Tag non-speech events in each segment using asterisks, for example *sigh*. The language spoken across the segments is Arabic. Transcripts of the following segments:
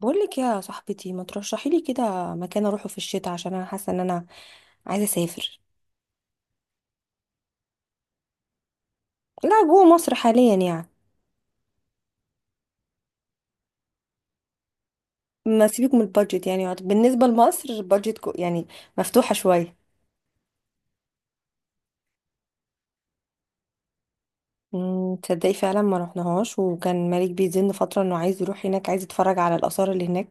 بقولك يا صاحبتي ما ترشحي لي كده مكان اروحه في الشتاء عشان انا حاسه ان انا عايزه اسافر. لا جوه مصر حاليا يعني. ما سيبك من البادجت، يعني بالنسبه لمصر البادجت يعني مفتوحه شويه. تصدقي فعلا ما رحناهاش، وكان مالك بيزن فتره انه عايز يروح هناك، عايز يتفرج على الاثار اللي هناك.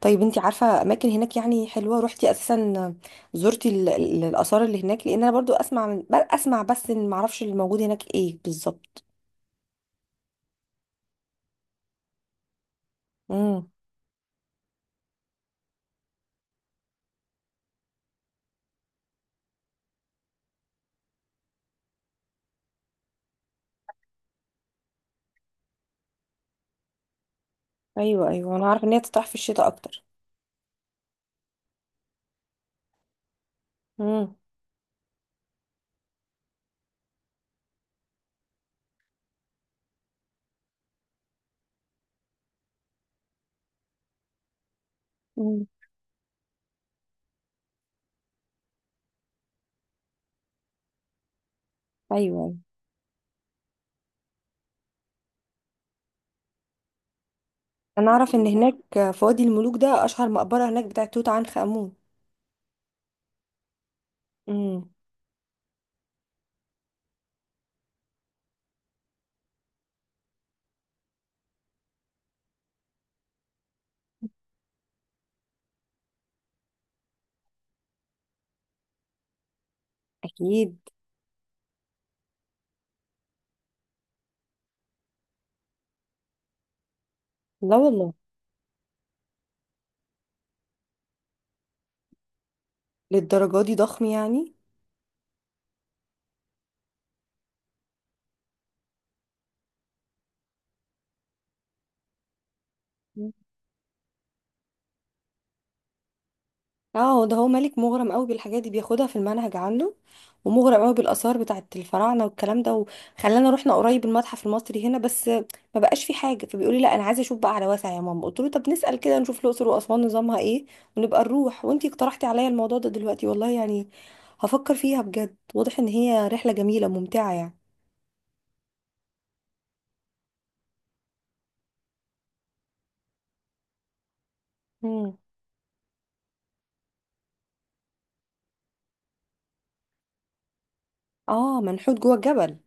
طيب انتي عارفه اماكن هناك يعني حلوه؟ روحتي اساسا؟ زرتي الاثار اللي هناك؟ لان انا برضو اسمع اسمع بس، إن ما اعرفش اللي موجود هناك ايه بالظبط. ايوه انا عارفه ان هي تطرح في الشتاء اكتر. امم. امم. ايوه، انا اعرف ان هناك في وادي الملوك ده اشهر مقبره هناك بتاعه توت عنخ امون. امم. اكيد. لا والله. للدرجه دي ضخم يعني؟ اه، هو ده، هو مالك مغرم قوي بالحاجات دي، بياخدها في المنهج عنده، ومغرم قوي بالاثار بتاعه الفراعنه والكلام ده، وخلانا رحنا قريب المتحف المصري هنا، بس ما بقاش في حاجه، فبيقول لي لا انا عايزه اشوف بقى على واسع يا ماما. قلت له طب نسال كده، نشوف الاقصر واسوان نظامها ايه، ونبقى نروح. وانتي اقترحتي عليا الموضوع ده دلوقتي، والله يعني هفكر فيها بجد. واضح ان هي رحله جميله ممتعه يعني. مم. اه، منحوت جوه الجبل.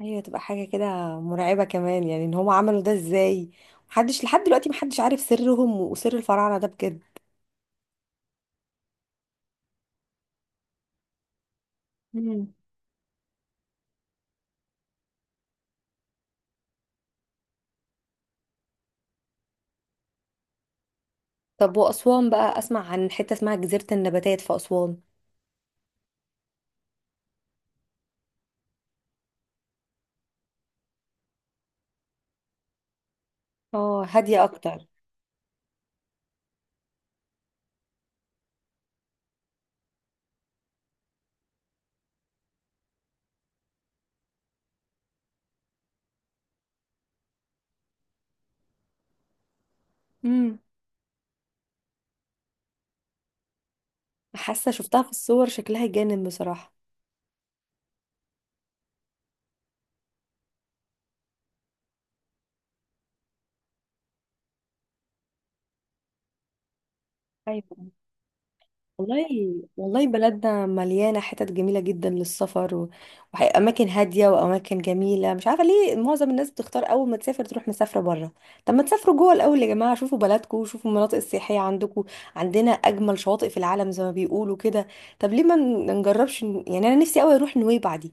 ايوه، تبقى حاجه كده مرعبه كمان، يعني ان هم عملوا ده ازاي؟ محدش لحد دلوقتي، محدش عارف سرهم وسر الفراعنه ده بجد. مم. طب واسوان بقى، اسمع عن حته اسمها جزيره النباتات في اسوان. اه، هاديه اكتر. مم. حاسه شفتها في الصور، شكلها جانب بصراحه. ايوه. والله، والله بلدنا مليانة حتت جميلة جدا للسفر، وأماكن هادية وأماكن جميلة. مش عارفة ليه معظم الناس بتختار أول ما تسافر تروح مسافرة بره. طب ما تسافروا جوه الأول يا جماعة، شوفوا بلدكم وشوفوا المناطق السياحية عندكم. عندنا أجمل شواطئ في العالم زي ما بيقولوا كده. طب ليه ما نجربش يعني؟ أنا نفسي أوي أروح نويبع دي،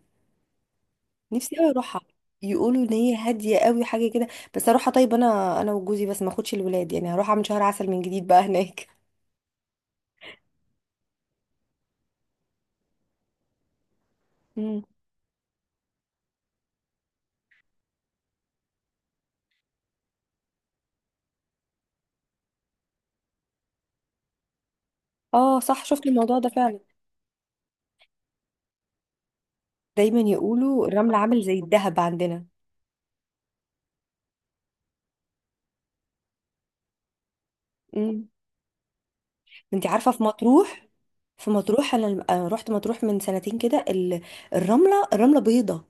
نفسي أوي أروحها. يقولوا ان هي هاديه قوي حاجه كده. بس اروحها طيب انا وجوزي بس، ما اخدش الولاد، يعني هروح اعمل شهر عسل من جديد بقى هناك. مم. اه صح، شفت الموضوع ده فعلا. دايما يقولوا الرمل عامل زي الذهب عندنا. امم. انت عارفه في مطروح، في مطروح انا رحت مطروح من سنتين كده. الرمله بيضه،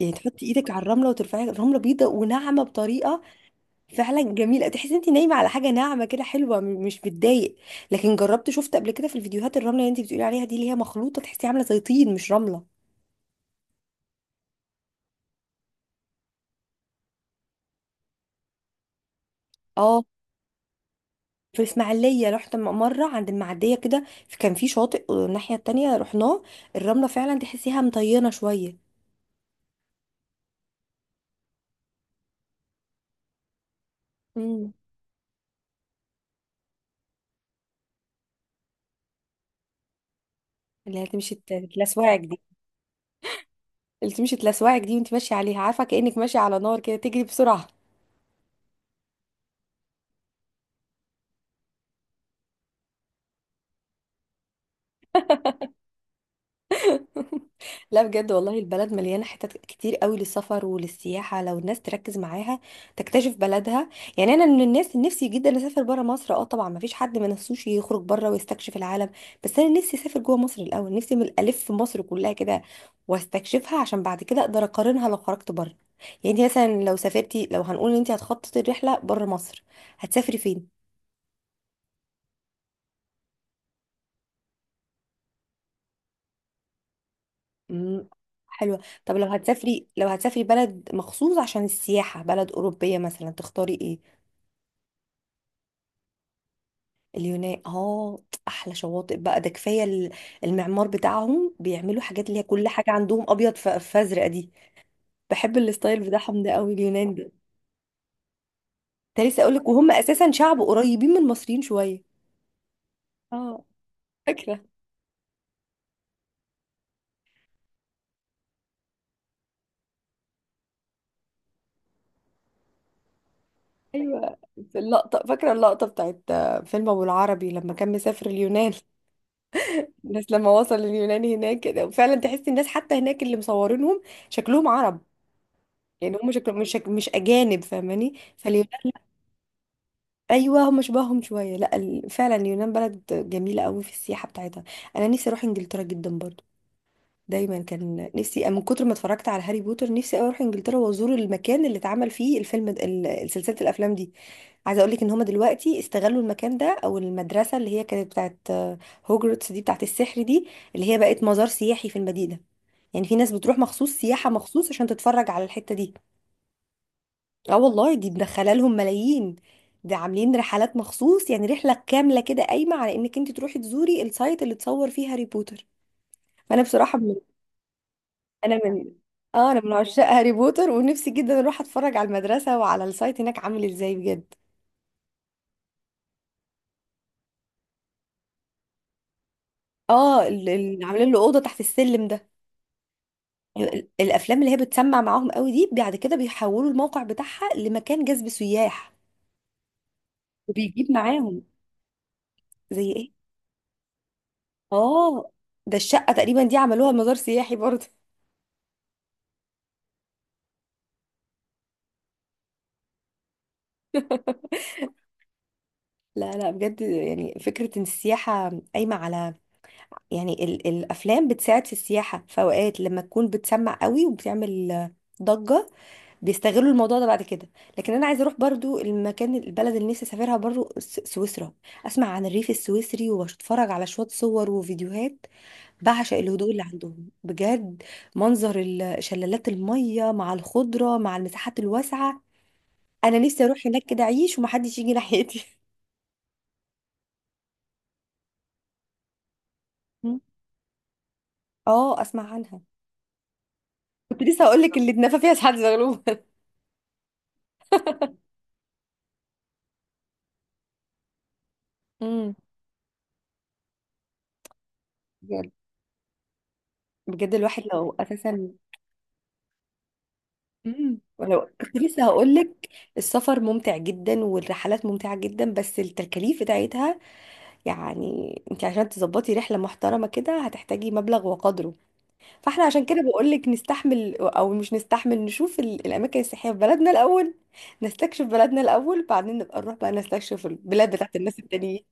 يعني تحطي ايدك على الرمله وترفعي الرمله بيضه وناعمه بطريقه فعلا جميله. تحسي انت نايمه على حاجه ناعمه كده حلوه، مش بتضايق. لكن جربت شفت قبل كده في الفيديوهات الرمله اللي انت بتقولي عليها دي، اللي هي مخلوطه، تحسيها عامله زي طين مش رمله. اه، في الاسماعيليه رحت مره عند المعديه كده، كان في شاطئ الناحيه التانيه رحناه، الرمله فعلا تحسيها مطينه شويه. امم. اللي هي تمشي تلسوعك دي، اللي تمشي تلسوعك دي وانت ماشيه عليها، عارفه كانك ماشيه على نار كده، تجري بسرعه. لا بجد والله، البلد مليانه حتت كتير قوي للسفر وللسياحه، لو الناس تركز معاها تكتشف بلدها. يعني انا من الناس اللي نفسي جدا اسافر بره مصر، اه طبعا، ما فيش حد ما نفسوش يخرج بره ويستكشف العالم. بس انا نفسي اسافر جوه مصر الاول، نفسي من الالف مصر كلها كده واستكشفها، عشان بعد كده اقدر اقارنها لو خرجت بره. يعني انت مثلا لو سافرتي، لو هنقول ان انت هتخططي الرحله بره مصر، هتسافري فين؟ مم، حلوة. طب لو هتسافري، لو هتسافري بلد مخصوص عشان السياحة، بلد أوروبية مثلا، تختاري ايه؟ اليونان، اه، أحلى شواطئ بقى ده، كفاية المعمار بتاعهم، بيعملوا حاجات اللي هي كل حاجة عندهم أبيض فأزرق دي. بحب الستايل بتاعهم ده أوي، اليونان ده. كنت لسه أقولك، وهم أساسا شعب قريبين من المصريين شوية. اه، فاكرة. أيوة، في اللقطة، فاكرة اللقطة بتاعت فيلم أبو العربي لما كان مسافر اليونان. الناس لما وصل اليوناني هناك كده، وفعلا تحس الناس حتى هناك اللي مصورينهم شكلهم عرب. يعني هم شكلهم مش مش اجانب، فاهماني؟ فاليونان لا. ايوه، هم شبههم شويه. لا فعلا اليونان بلد جميله قوي في السياحه بتاعتها. انا نفسي اروح انجلترا جدا برضو. دايما كان نفسي، من كتر ما اتفرجت على هاري بوتر، نفسي أوي اروح انجلترا وازور المكان اللي اتعمل فيه سلسله الافلام دي. عايزه اقول لك ان هم دلوقتي استغلوا المكان ده، او المدرسه اللي هي كانت بتاعت هوجرتس دي بتاعت السحر دي، اللي هي بقت مزار سياحي في المدينه. يعني في ناس بتروح مخصوص، سياحة مخصوص عشان تتفرج على الحتة دي. اه والله، دي مدخله لهم ملايين. ده عاملين رحلات مخصوص، يعني رحلة كاملة كده قايمة على انك انت تروحي تزوري السايت اللي اتصور فيه هاري بوتر. فانا بصراحة من، انا من، اه انا من عشاق هاري بوتر، ونفسي جدا اروح اتفرج على المدرسة وعلى السايت هناك عامل ازاي بجد. اه، عاملين له أوضة تحت السلم ده. الافلام اللي هي بتسمع معاهم قوي دي، بعد كده بيحولوا الموقع بتاعها لمكان جذب سياح وبيجيب معاهم. زي ايه؟ اه، ده الشقة تقريبا دي عملوها مزار سياحي برضه. *laughs* لا لا بجد، يعني فكرة ان السياحة قايمة على، يعني ال الافلام بتساعد في السياحة في اوقات لما تكون بتسمع قوي وبتعمل ضجة، بيستغلوا الموضوع ده بعد كده. لكن انا عايزة اروح برضو المكان، البلد اللي نفسي اسافرها برضو سويسرا. اسمع عن الريف السويسري، واتفرج على شوية صور وفيديوهات. بعشق الهدوء اللي عندهم بجد. منظر شلالات المية مع الخضرة مع المساحات الواسعة. انا نفسي اروح هناك كده اعيش ومحدش يجي ناحيتي. مم. *laughs* اه، اسمع عنها. كنت لسه هقول لك اللي اتنفى فيها سعد زغلول. مم. بجد، بجد الواحد لو اساسا. مم. ولو، كنت لسه هقول لك، السفر ممتع جدا والرحلات ممتعه جدا، بس التكاليف بتاعتها، يعني انت عشان تظبطي رحله محترمه كده هتحتاجي مبلغ وقدره. فاحنا عشان كده بقول لك نستحمل او مش نستحمل، نشوف الاماكن السياحيه في بلدنا الاول، نستكشف بلدنا الاول، بعدين نبقى نروح بقى نستكشف البلاد بتاعت الناس التانيين.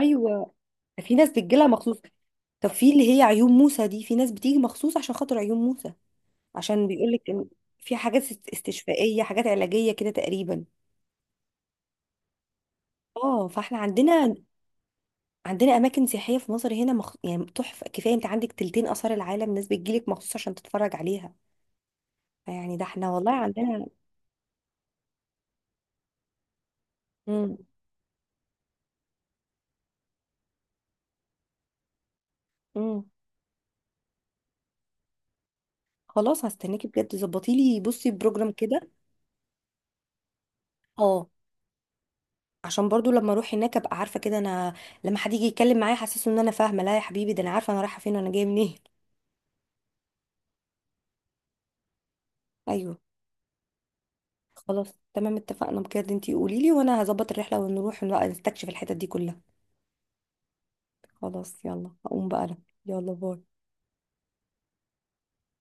ايوه، في ناس بتجيلها مخصوص. طب في اللي هي عيون موسى دي، في ناس بتيجي مخصوص عشان خاطر عيون موسى، عشان بيقولك ان في حاجات استشفائيه، حاجات علاجيه كده تقريبا. اه فاحنا عندنا، عندنا اماكن سياحيه في مصر هنا يعني تحفه. كفايه انت عندك تلتين اثار العالم، ناس بتجيلك مخصوص عشان تتفرج عليها. يعني ده احنا والله عندنا. امم. امم. خلاص هستناكي بجد، ظبطي لي بصي بروجرام كده. اه، عشان برضو لما اروح هناك ابقى عارفه كده، انا لما حد يجي يتكلم معايا حاسسه ان انا فاهمه. لا يا حبيبي، ده انا عارفه انا رايحه فين وانا جايه منين. *laughs* ايوه. خلاص تمام، اتفقنا بجد، انتي قولي لي وانا هظبط الرحله ونروح ونبقى نستكشف الحتت دي كلها. خلاص يلا هقوم بقى انا، يلا باي.